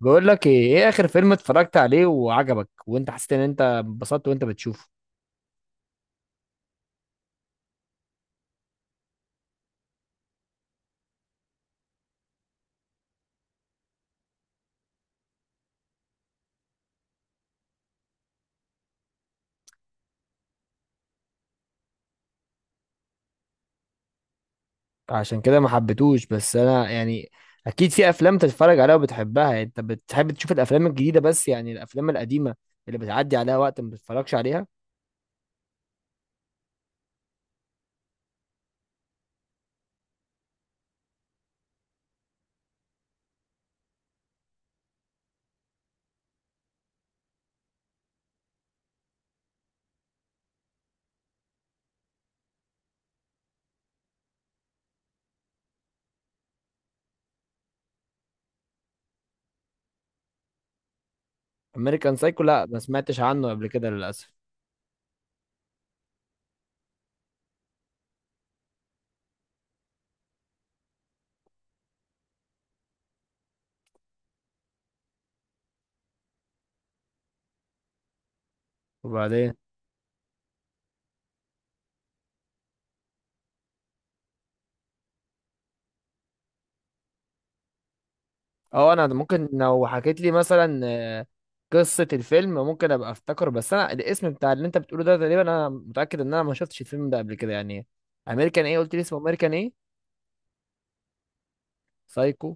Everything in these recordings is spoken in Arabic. بقول لك ايه اخر فيلم اتفرجت عليه وعجبك وانت حسيت ان انت انبسطت وانت بتشوفه. عشان كده ما حبيتهوش، بس انا يعني اكيد في افلام تتفرج عليها وبتحبها، يعني انت بتحب تشوف الافلام الجديده، بس يعني الافلام القديمه اللي بتعدي عليها وقت ما بتتفرجش عليها. امريكان سايكو، لا ما سمعتش عنه قبل كده للاسف. وبعدين اه انا ممكن لو حكيت لي مثلا قصه الفيلم ممكن ابقى افتكر، بس انا الاسم بتاع اللي انت بتقوله ده تقريبا انا متاكد ان انا ما شفتش الفيلم ده قبل كده يعني. امريكان ايه؟ قلت لي اسمه امريكان ايه؟ سايكو.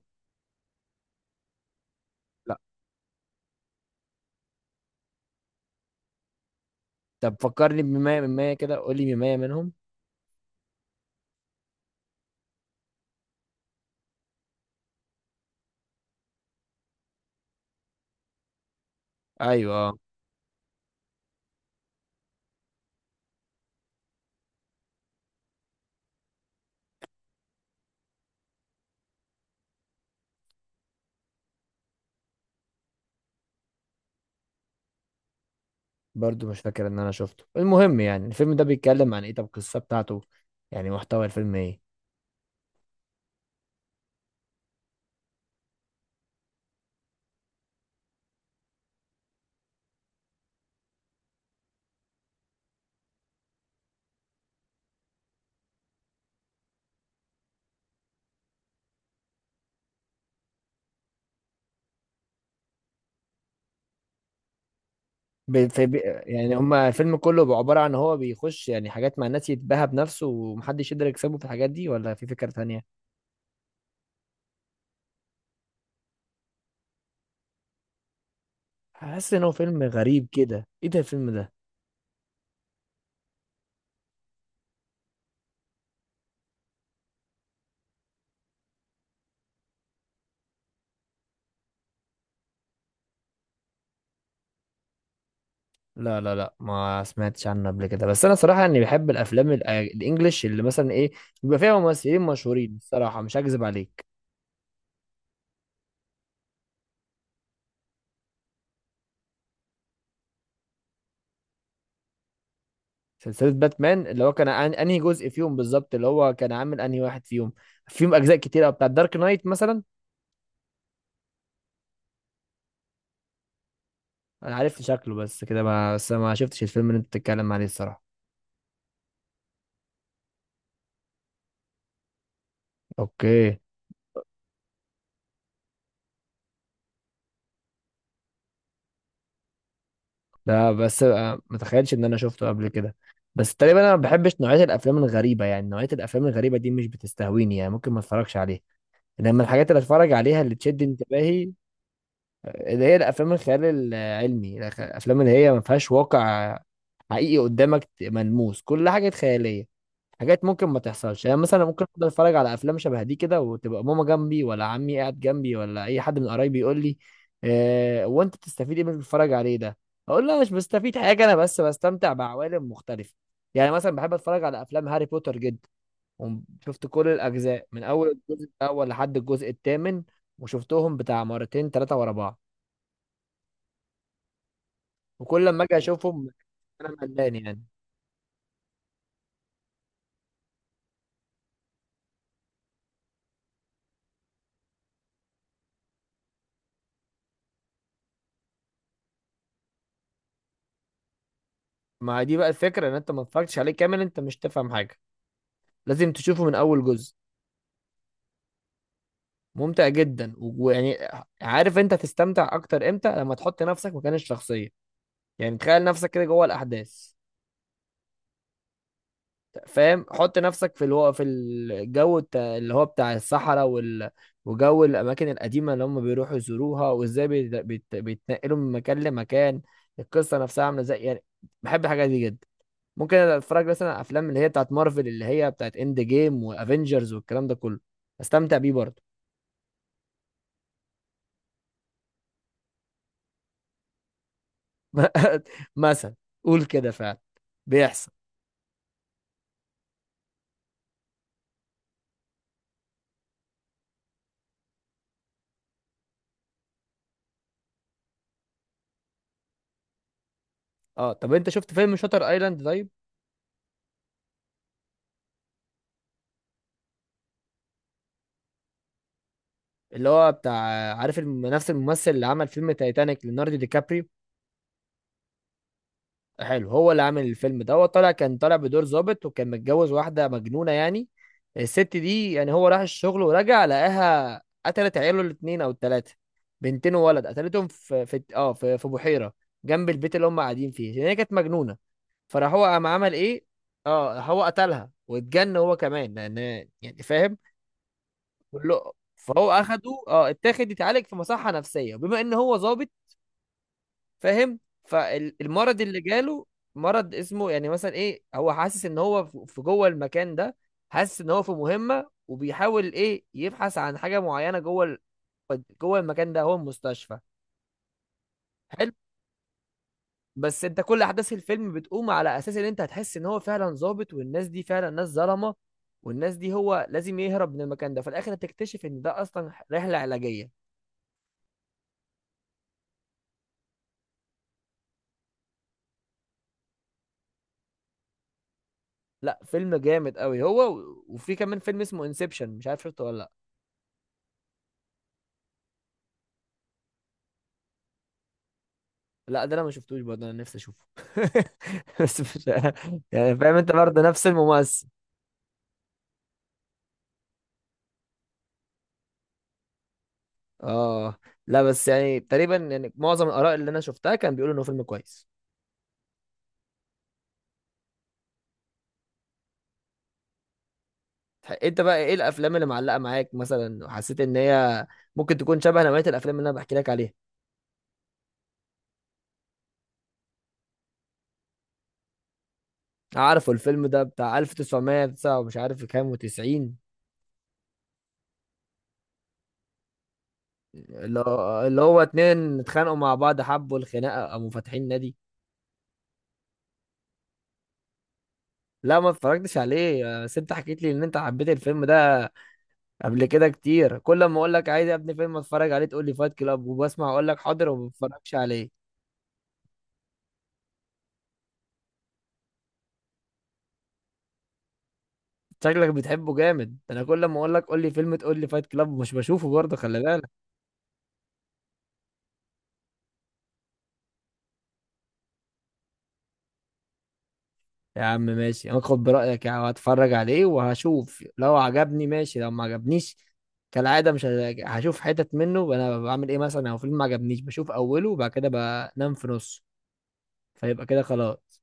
لا، طب فكرني بمية من مية كده، قول لي مية منهم. ايوه آه. برضو مش فاكر ان انا شفته. المهم يعني الفيلم ده بيتكلم عن ايه؟ طب القصة بتاعته يعني محتوى الفيلم ايه؟ بي في بي. يعني هما الفيلم كله بيبقى عبارة عن هو بيخش يعني حاجات مع الناس يتباهى بنفسه ومحدش يقدر يكسبه في الحاجات دي، ولا في فكرة تانية؟ حاسس ان هو فيلم غريب كده. ايه ده الفيلم ده؟ لا لا لا، ما سمعتش عنه قبل كده. بس انا صراحة اني بحب الافلام الانجليش، اللي مثلا ايه، بيبقى فيها ممثلين مشهورين. الصراحة مش هكذب عليك. سلسلة باتمان اللي هو كان انهي جزء فيهم بالظبط اللي هو كان عامل؟ انهي واحد فيهم؟ فيهم اجزاء كتير قوي، بتاع دارك نايت مثلا. انا عرفت شكله بس كده، ما بس ما شفتش الفيلم اللي انت بتتكلم عليه الصراحة. اوكي. لا بس ما تخيلش ان انا شفته قبل كده. بس تقريبا انا ما بحبش نوعية الافلام الغريبة، يعني نوعية الافلام الغريبة دي مش بتستهويني، يعني ممكن ما اتفرجش عليها لما الحاجات اللي اتفرج عليها اللي تشد انتباهي. اللي هي الافلام الخيال العلمي، الافلام اللي هي ما فيهاش واقع حقيقي قدامك ملموس، كل حاجة خيالية، حاجات ممكن ما تحصلش. يعني مثلا ممكن افضل اتفرج على افلام شبه دي كده، وتبقى ماما جنبي، ولا عمي قاعد جنبي، ولا اي حد من قرايبي يقول لي: آه وانت بتستفيد ايه من اللي بتتفرج عليه ده؟ اقول له مش بستفيد حاجه، انا بس بستمتع بعوالم مختلفه. يعني مثلا بحب اتفرج على افلام هاري بوتر جدا، وشفت كل الاجزاء من اول الجزء الاول لحد الجزء الثامن، وشفتهم بتاع مرتين ثلاثه ورا بعض وكل ما اجي اشوفهم انا ملان يعني. ما دي بقى الفكره، ان انت ما اتفرجتش عليه كامل انت مش تفهم حاجه، لازم تشوفه من اول جزء. ممتع جدا. ويعني عارف انت هتستمتع اكتر امتى؟ لما تحط نفسك مكان الشخصيه، يعني تخيل نفسك كده جوه الاحداث، فاهم؟ حط نفسك في في الجو بتاع اللي هو بتاع الصحراء. وجو الاماكن القديمه اللي هم بيروحوا يزوروها، وازاي بيتنقلوا من مكان لمكان، القصه نفسها عامله ازاي يعني. بحب الحاجات دي جدا. ممكن اتفرج مثلا على افلام اللي هي بتاعت مارفل، اللي هي بتاعت اند جيم وافنجرز والكلام ده كله، استمتع بيه برضه. مثلا، قول كده فعلا بيحصل. اه طب انت شفت فيلم شاتر ايلاند؟ طيب اللي هو بتاع، عارف نفس الممثل اللي عمل فيلم تايتانيك، ليوناردو دي كابريو. حلو، هو اللي عامل الفيلم ده. هو طالع، كان طالع بدور ظابط، وكان متجوز واحده مجنونه يعني، الست دي. يعني هو راح الشغل ورجع لقاها قتلت عياله الاثنين او الثلاثه، بنتين وولد، قتلتهم في بحيره جنب البيت اللي هم قاعدين فيه، لان هي كانت مجنونه. فراح هو قام عمل ايه؟ اه هو قتلها واتجن هو كمان، لان يعني فاهم كله. فهو اخده اه اتاخد يتعالج في مصحة نفسية. وبما ان هو ظابط فاهم، فالمرض اللي جاله، مرض اسمه يعني مثلا ايه، هو حاسس ان هو في جوه المكان ده، حاسس ان هو في مهمة، وبيحاول ايه، يبحث عن حاجة معينة جوه جوه المكان ده هو المستشفى. حلو. بس انت كل احداث الفيلم بتقوم على اساس ان انت هتحس ان هو فعلا ظابط، والناس دي فعلا ناس ظلمه، والناس دي هو لازم يهرب من المكان ده. في الاخر هتكتشف ان ده اصلا رحله علاجيه. لا، فيلم جامد قوي هو. وفي كمان فيلم اسمه انسبشن، مش عارف شفته ولا لا. لا ده انا ما شفتوش برضه، انا نفسي اشوفه. بس مش، يعني فاهم، انت برضه نفس الممثل. اه لا بس يعني تقريبا، يعني معظم الاراء اللي انا شفتها كان بيقولوا انه فيلم كويس. انت بقى ايه الافلام اللي معلقه معاك مثلا وحسيت ان هي ممكن تكون شبه نوعيه الافلام اللي انا بحكي لك عليها؟ عارفه الفيلم ده بتاع 1909 ومش عارف كام و90، اللي هو اتنين اتخانقوا مع بعض، حبوا الخناقه، قاموا فاتحين نادي. لا ما اتفرجتش عليه، بس انت حكيت لي ان انت حبيت الفيلم ده قبل كده كتير، كل ما اقول لك عايز يا ابني فيلم اتفرج عليه تقول لي فايت كلاب، وبسمع اقول لك حاضر وما بتفرجش عليه. شكلك بتحبه جامد ده، انا كل ما اقول لك قول لي فيلم تقول لي فايت كلاب، مش بشوفه برضه خلي بالك. يا عم ماشي، هاخد برأيك يعني، هتفرج عليه وهشوف لو عجبني ماشي لو ما عجبنيش. كالعادة مش هشوف حتت منه. انا بعمل ايه مثلا لو فيلم ما عجبنيش؟ بشوف اوله وبعد كده بنام في نصه، فيبقى كده خلاص.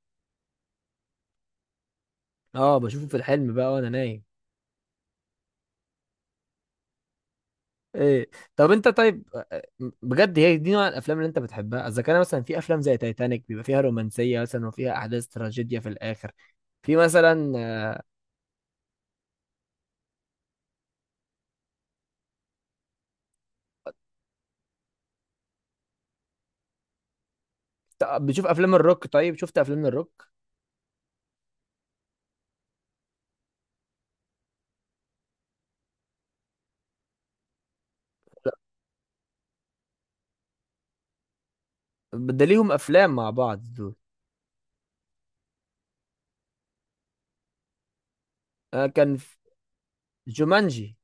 اه بشوفه في الحلم بقى وانا نايم. ايه؟ طب انت طيب، بجد هي دي نوع الافلام اللي انت بتحبها؟ اذا كان مثلا في افلام زي تايتانيك، بيبقى فيها رومانسية مثلا، وفيها احداث تراجيديا في الاخر، في مثلا. بتشوف افلام الروك؟ طيب شفت افلام الروك؟ ده ليهم افلام مع بعض. كان في جومانجي،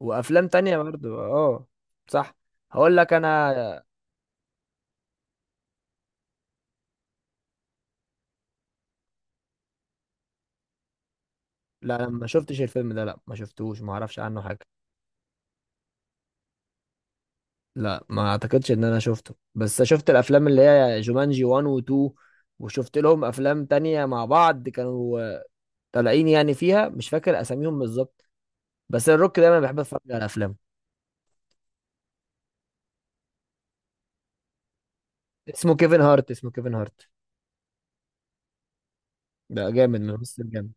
وافلام تانية برضو اه. صح، هقول لك انا. لا انا ما شفتش الفيلم ده، لا ما شفتوش، ما اعرفش عنه حاجة. لا ما اعتقدش ان انا شفته، بس شفت الافلام اللي هي جومانجي 1 و 2، وشفت لهم افلام تانية مع بعض، كانوا طالعين يعني فيها، مش فاكر اساميهم بالظبط. بس الروك دايما بيحب اتفرج على افلام. اسمه كيفن هارت، اسمه كيفن هارت. ده جامد من مصر، جامد.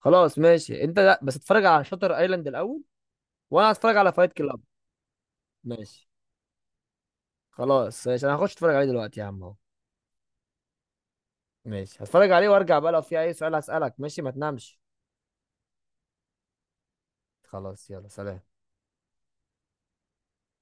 خلاص ماشي انت، لا بس اتفرج على شاتر ايلاند الاول، وانا هتفرج على فايت كلاب. ماشي خلاص، ماشي انا هخش اتفرج عليه دلوقتي يا عم اهو. ماشي هتفرج عليه وارجع بقى، لو في اي سؤال هسألك ماشي؟ ما تنامش. خلاص يلا سلام.